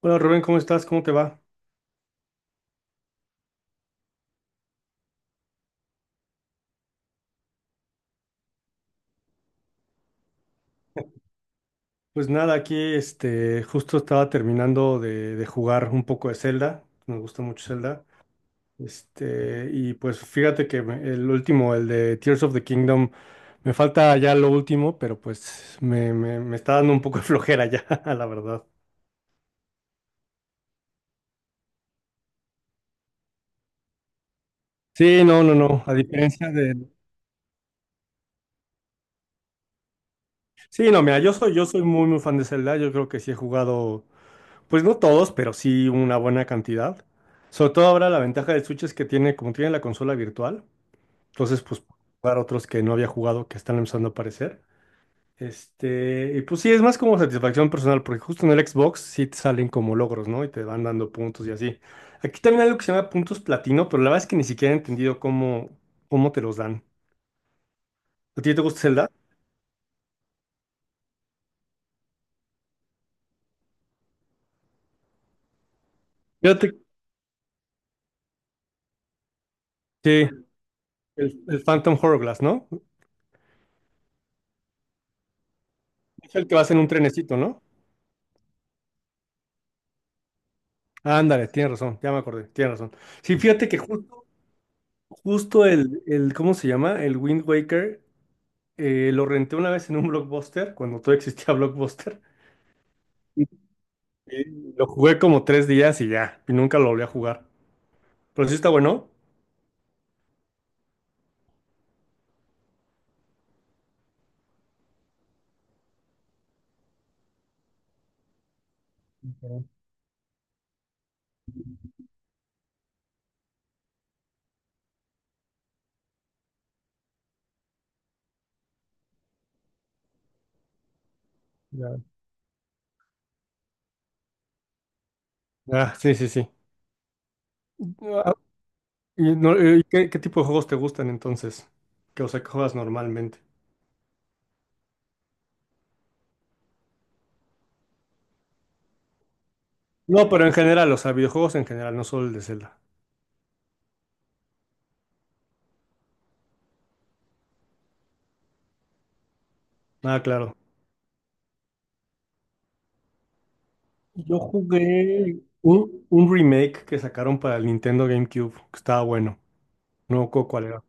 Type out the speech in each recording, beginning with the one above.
Hola Rubén, ¿cómo estás? ¿Cómo te va? Pues nada, aquí justo estaba terminando de jugar un poco de Zelda. Me gusta mucho Zelda. Y pues fíjate que el último, el de Tears of the Kingdom, me falta ya lo último, pero pues me está dando un poco de flojera ya, la verdad. Sí, no, no, no. A diferencia de. Sí, no, mira, yo soy muy, muy fan de Zelda. Yo creo que sí he jugado, pues no todos, pero sí una buena cantidad. Sobre todo ahora la ventaja del Switch es que como tiene la consola virtual. Entonces, pues, jugar otros que no había jugado que están empezando a aparecer. Y pues sí, es más como satisfacción personal, porque justo en el Xbox sí te salen como logros, ¿no? Y te van dando puntos y así. Aquí también hay algo que se llama puntos platino, pero la verdad es que ni siquiera he entendido cómo te los dan. ¿A ti te gusta Zelda? Fíjate que el Phantom Hourglass, ¿no? Es el que vas en un trenecito, ¿no? Ándale, tienes razón, ya me acordé, tienes razón. Sí, fíjate que ¿cómo se llama? El Wind Waker. Lo renté una vez en un Blockbuster, cuando todavía existía Blockbuster. Sí. Eh, Lo jugué como tres días y ya, y nunca lo volví a jugar. Pero sí está bueno. Pero ya. Ah, sí, sí, sí. Ah, y no, ¿qué tipo de juegos te gustan entonces? Que, o sea, que juegas normalmente. No, pero en general, o sea, videojuegos en general, no solo el de Zelda. Ah, claro. Yo jugué un remake que sacaron para el Nintendo GameCube, que estaba bueno. No me acuerdo cuál era.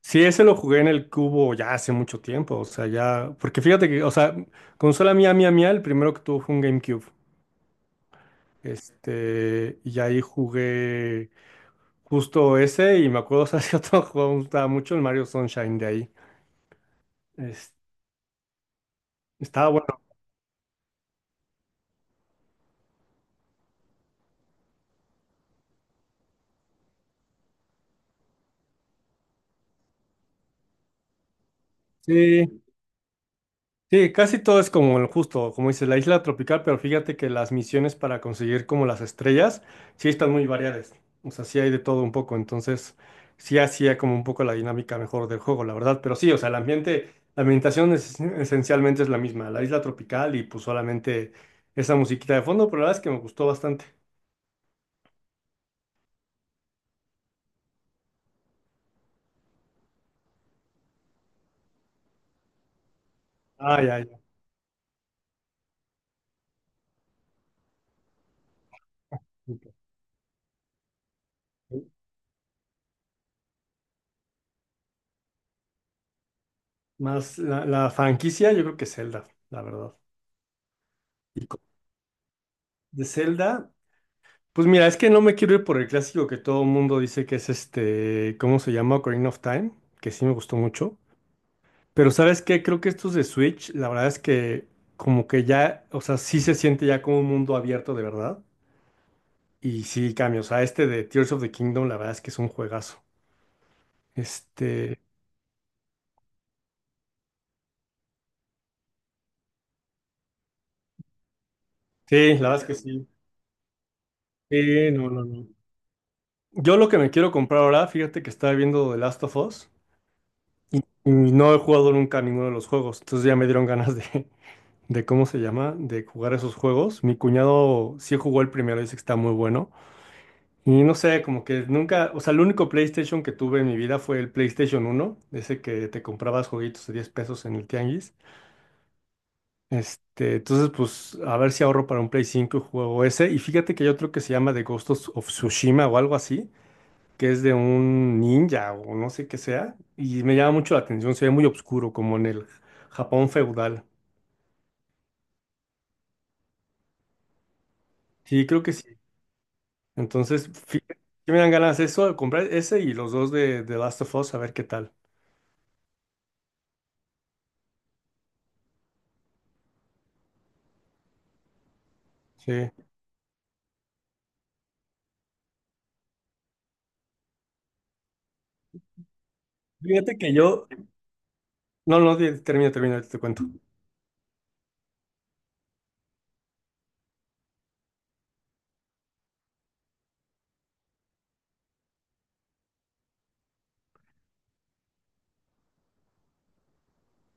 Sí, ese lo jugué en el cubo ya hace mucho tiempo, o sea, ya, porque fíjate que, o sea, consola mía, mía, mía, el primero que tuvo fue un GameCube. Y ahí jugué justo ese, y me acuerdo, o sea, si otro juego me gustaba mucho, el Mario Sunshine de ahí. Es- Estaba bueno. Sí. Sí, casi todo es como el justo, como dices, la isla tropical, pero fíjate que las misiones para conseguir como las estrellas sí están muy variadas. O sea, sí hay de todo un poco, entonces sí hacía como un poco la dinámica mejor del juego, la verdad. Pero sí, o sea, el ambiente, la ambientación esencialmente es la misma, la isla tropical y pues solamente esa musiquita de fondo, pero la verdad es que me gustó bastante. Ah, ya, ya. Ok. Más la franquicia, yo creo que Zelda, la verdad. Y co- De Zelda. Pues mira, es que no me quiero ir por el clásico que todo el mundo dice que es este, ¿cómo se llama? Ocarina of Time, que sí me gustó mucho. Pero ¿sabes qué? Creo que estos de Switch, la verdad es que como que ya, o sea, sí se siente ya como un mundo abierto de verdad. Y sí cambia, o sea, este de Tears of the Kingdom, la verdad es que es un juegazo. Este, sí, la verdad es que sí. Sí, no, no, no. Yo lo que me quiero comprar ahora, fíjate que estaba viendo The Last of Us y no he jugado nunca ninguno de los juegos, entonces ya me dieron ganas de cómo se llama, de jugar esos juegos. Mi cuñado sí jugó el primero, dice que está muy bueno. Y no sé, como que nunca, o sea, el único PlayStation que tuve en mi vida fue el PlayStation uno ese que te comprabas jueguitos de 10 pesos en el Tianguis. Entonces, pues, a ver si ahorro para un Play 5 y juego ese. Y fíjate que hay otro que se llama The Ghost of Tsushima o algo así, que es de un ninja o no sé qué sea. Y me llama mucho la atención, se ve muy oscuro, como en el Japón feudal. Sí, creo que sí. Entonces, fíjate, me dan ganas de eso, de comprar ese y los dos de The Last of Us, a ver qué tal. Sí. Fíjate que yo. No, no, termina, termina, ahorita te cuento.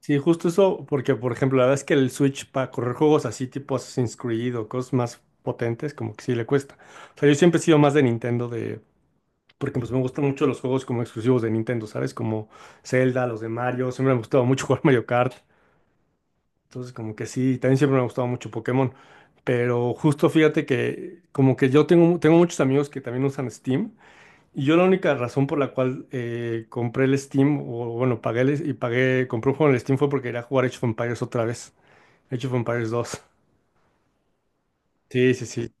Sí, justo eso, porque por ejemplo, la verdad es que el Switch para correr juegos así tipo Assassin's Creed o cosas más potentes, como que sí le cuesta. O sea, yo siempre he sido más de Nintendo, de. Porque pues me gustan mucho los juegos como exclusivos de Nintendo, ¿sabes? Como Zelda, los de Mario, siempre me ha gustado mucho jugar Mario Kart. Entonces, como que sí, también siempre me ha gustado mucho Pokémon. Pero justo fíjate que como que yo tengo muchos amigos que también usan Steam, y yo la única razón por la cual compré el Steam, o bueno, pagué el- y pagué, compré un juego en el Steam fue porque quería jugar Age of Empires otra vez, Age of Empires 2. Sí, sí, sí.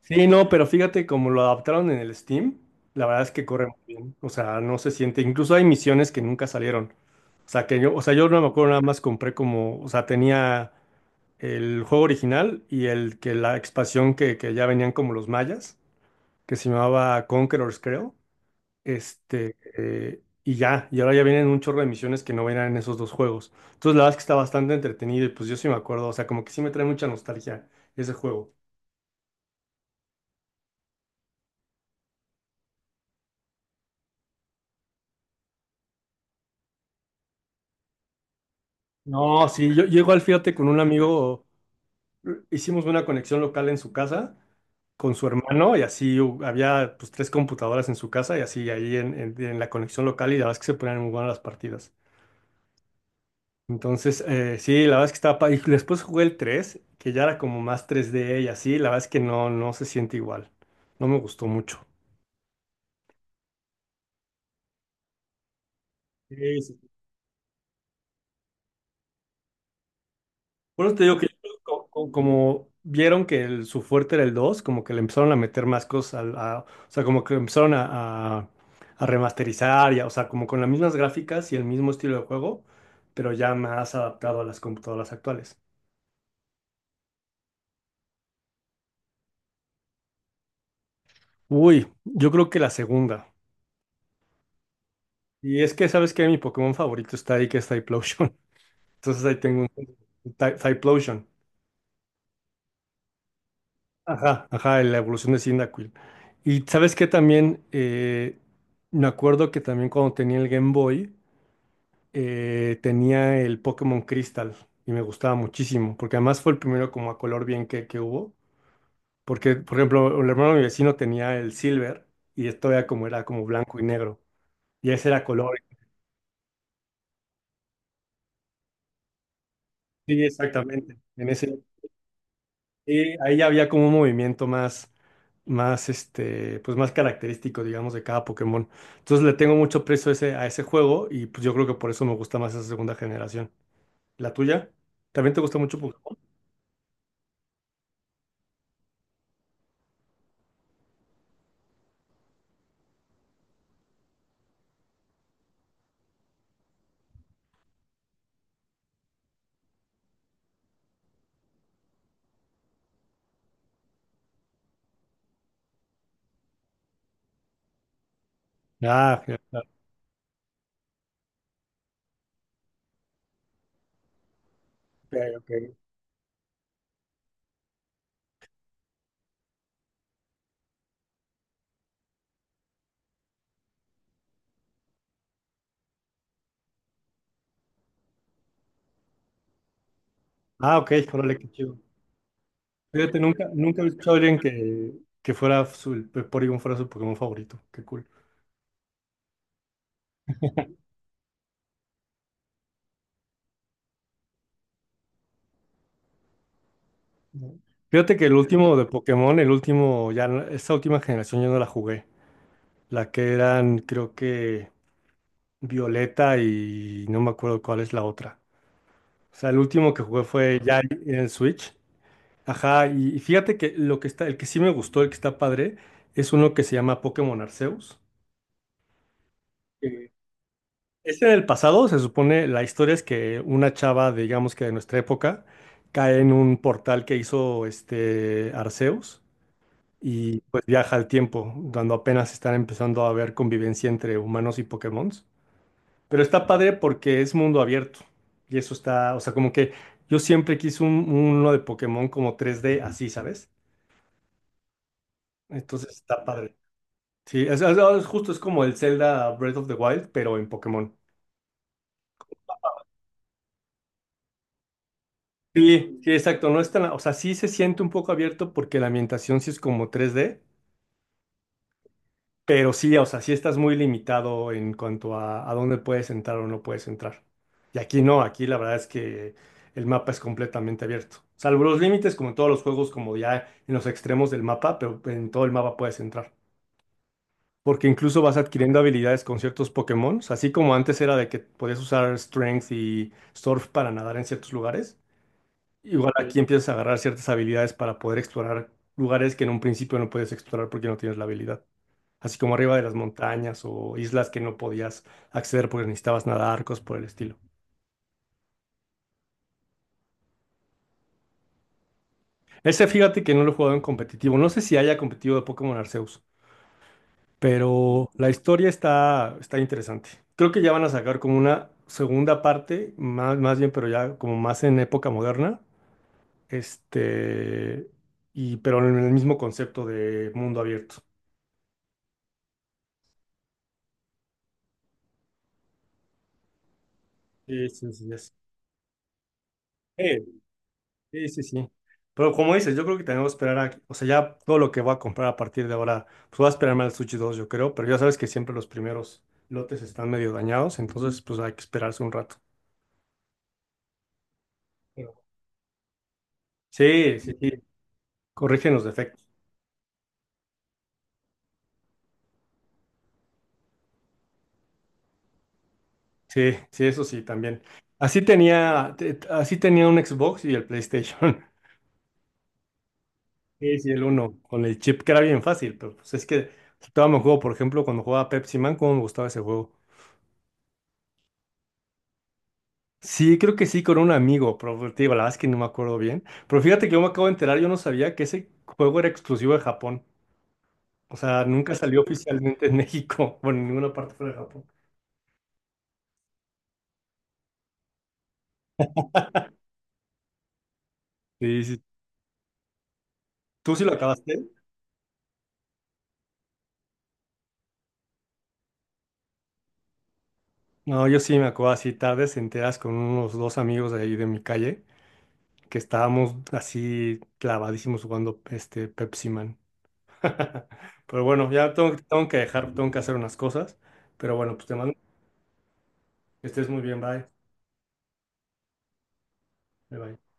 Sí, no, pero fíjate como lo adaptaron en el Steam, la verdad es que corre muy bien, o sea, no se siente, incluso hay misiones que nunca salieron. O sea, que yo, o sea, yo no me acuerdo, nada más compré como, o sea, tenía el juego original y el que la expansión que ya venían como los mayas, que se llamaba Conquerors, creo. Y ya, y ahora ya vienen un chorro de misiones que no venían en esos dos juegos. Entonces, la verdad es que está bastante entretenido y pues yo sí me acuerdo, o sea, como que sí me trae mucha nostalgia ese juego. No, sí, yo llego al fíjate con un amigo, hicimos una conexión local en su casa con su hermano y así había pues tres computadoras en su casa y así ahí en la conexión local y la verdad es que se ponían muy buenas las partidas. Entonces, sí, la verdad es que estaba. Y después jugué el 3, que ya era como más 3D y así, la verdad es que no se siente igual. No me gustó mucho. Sí, sí, sí. Por eso te digo que yo creo que como, vieron que su fuerte era el 2, como que le empezaron a meter más cosas, o sea, como que empezaron a, a remasterizar, y o sea, como con las mismas gráficas y el mismo estilo de juego, pero ya más adaptado a las computadoras actuales. Uy, yo creo que la segunda. Y es que, ¿sabes qué? Mi Pokémon favorito está ahí, que es Typlosion. Entonces ahí tengo un Typlosion. Ajá, ajá, la evolución de Cyndaquil. Y sabes que también me acuerdo que también cuando tenía el Game Boy, tenía el Pokémon Crystal y me gustaba muchísimo, porque además fue el primero como a color bien que hubo. Porque, por ejemplo, el hermano de mi vecino tenía el Silver y esto era como, blanco y negro. Y ese era color. Sí, exactamente. En ese. Sí, ahí ya había como un movimiento más, más, pues más característico, digamos, de cada Pokémon. Entonces le tengo mucho precio a ese juego y pues yo creo que por eso me gusta más esa segunda generación. ¿La tuya? ¿También te gusta mucho Pokémon? Ah, ya está. Ok, ok. Ah, ok, órale, qué chido. Fíjate, nunca he escuchado a alguien que Porygon fuera su Pokémon favorito. Qué cool. No. Fíjate que el último de Pokémon, el último, ya, esa última generación yo no la jugué. La que eran, creo que. Violeta y no me acuerdo cuál es la otra. O sea, el último que jugué fue ya en Switch. Ajá, y fíjate que lo que está, el que sí me gustó, el que está padre, es uno que se llama Pokémon Arceus. Que. Es en el pasado, se supone, la historia es que una chava, digamos que de nuestra época, cae en un portal que hizo este Arceus y pues viaja al tiempo, cuando apenas están empezando a haber convivencia entre humanos y Pokémon. Pero está padre porque es mundo abierto. Y eso está, o sea, como que yo siempre quise uno de Pokémon como 3D así, ¿sabes? Entonces está padre. Sí, es justo es como el Zelda Breath of the Wild, pero en Pokémon. Sí, sí, exacto. No es tan, o sea, sí se siente un poco abierto porque la ambientación sí es como 3D. Pero sí, o sea, sí estás muy limitado en cuanto a dónde puedes entrar o no puedes entrar. Y aquí no, aquí la verdad es que el mapa es completamente abierto. Salvo los límites, como en todos los juegos, como ya en los extremos del mapa, pero en todo el mapa puedes entrar. Porque incluso vas adquiriendo habilidades con ciertos Pokémon, así como antes era de que podías usar Strength y Surf para nadar en ciertos lugares. Igual sí, aquí empiezas a agarrar ciertas habilidades para poder explorar lugares que en un principio no puedes explorar porque no tienes la habilidad así como arriba de las montañas o islas que no podías acceder porque necesitabas nadar, cosas por el estilo. Ese fíjate que no lo he jugado en competitivo, no sé si haya competitivo de Pokémon Arceus, pero la historia está interesante. Creo que ya van a sacar como una segunda parte, más, más bien, pero ya como más en época moderna, este, y pero en el mismo concepto de mundo abierto. Sí, sí, sí, ya sé. Sí, sí, sí. Pero como dices, yo creo que tenemos que esperar a, o sea, ya todo lo que voy a comprar a partir de ahora, pues voy a esperarme al Sushi 2 yo creo, pero ya sabes que siempre los primeros lotes están medio dañados, entonces pues hay que esperarse un rato. Pero-. Sí, sí, sí, corrigen los defectos. Sí, sí, eso sí, también. Así tenía un Xbox y el PlayStation. Sí, sí, el uno, con el chip que era bien fácil, pero pues es que todavía me juego, por ejemplo, cuando jugaba Pepsi Man, cómo me gustaba ese juego. Sí, creo que sí, con un amigo, pero te digo, la verdad es que no me acuerdo bien. Pero fíjate que yo me acabo de enterar, yo no sabía que ese juego era exclusivo de Japón. O sea, nunca salió oficialmente en México, bueno, en ninguna parte fuera de Japón. Sí, sí. ¿Tú sí lo acabaste? No, yo sí me acuerdo así tarde, se enteras con unos dos amigos de ahí de mi calle, que estábamos así clavadísimos jugando este Pepsi Man. Pero bueno, ya tengo que dejar, tengo que hacer unas cosas. Pero bueno, pues te mando que estés muy bien, bye. Bye, bye.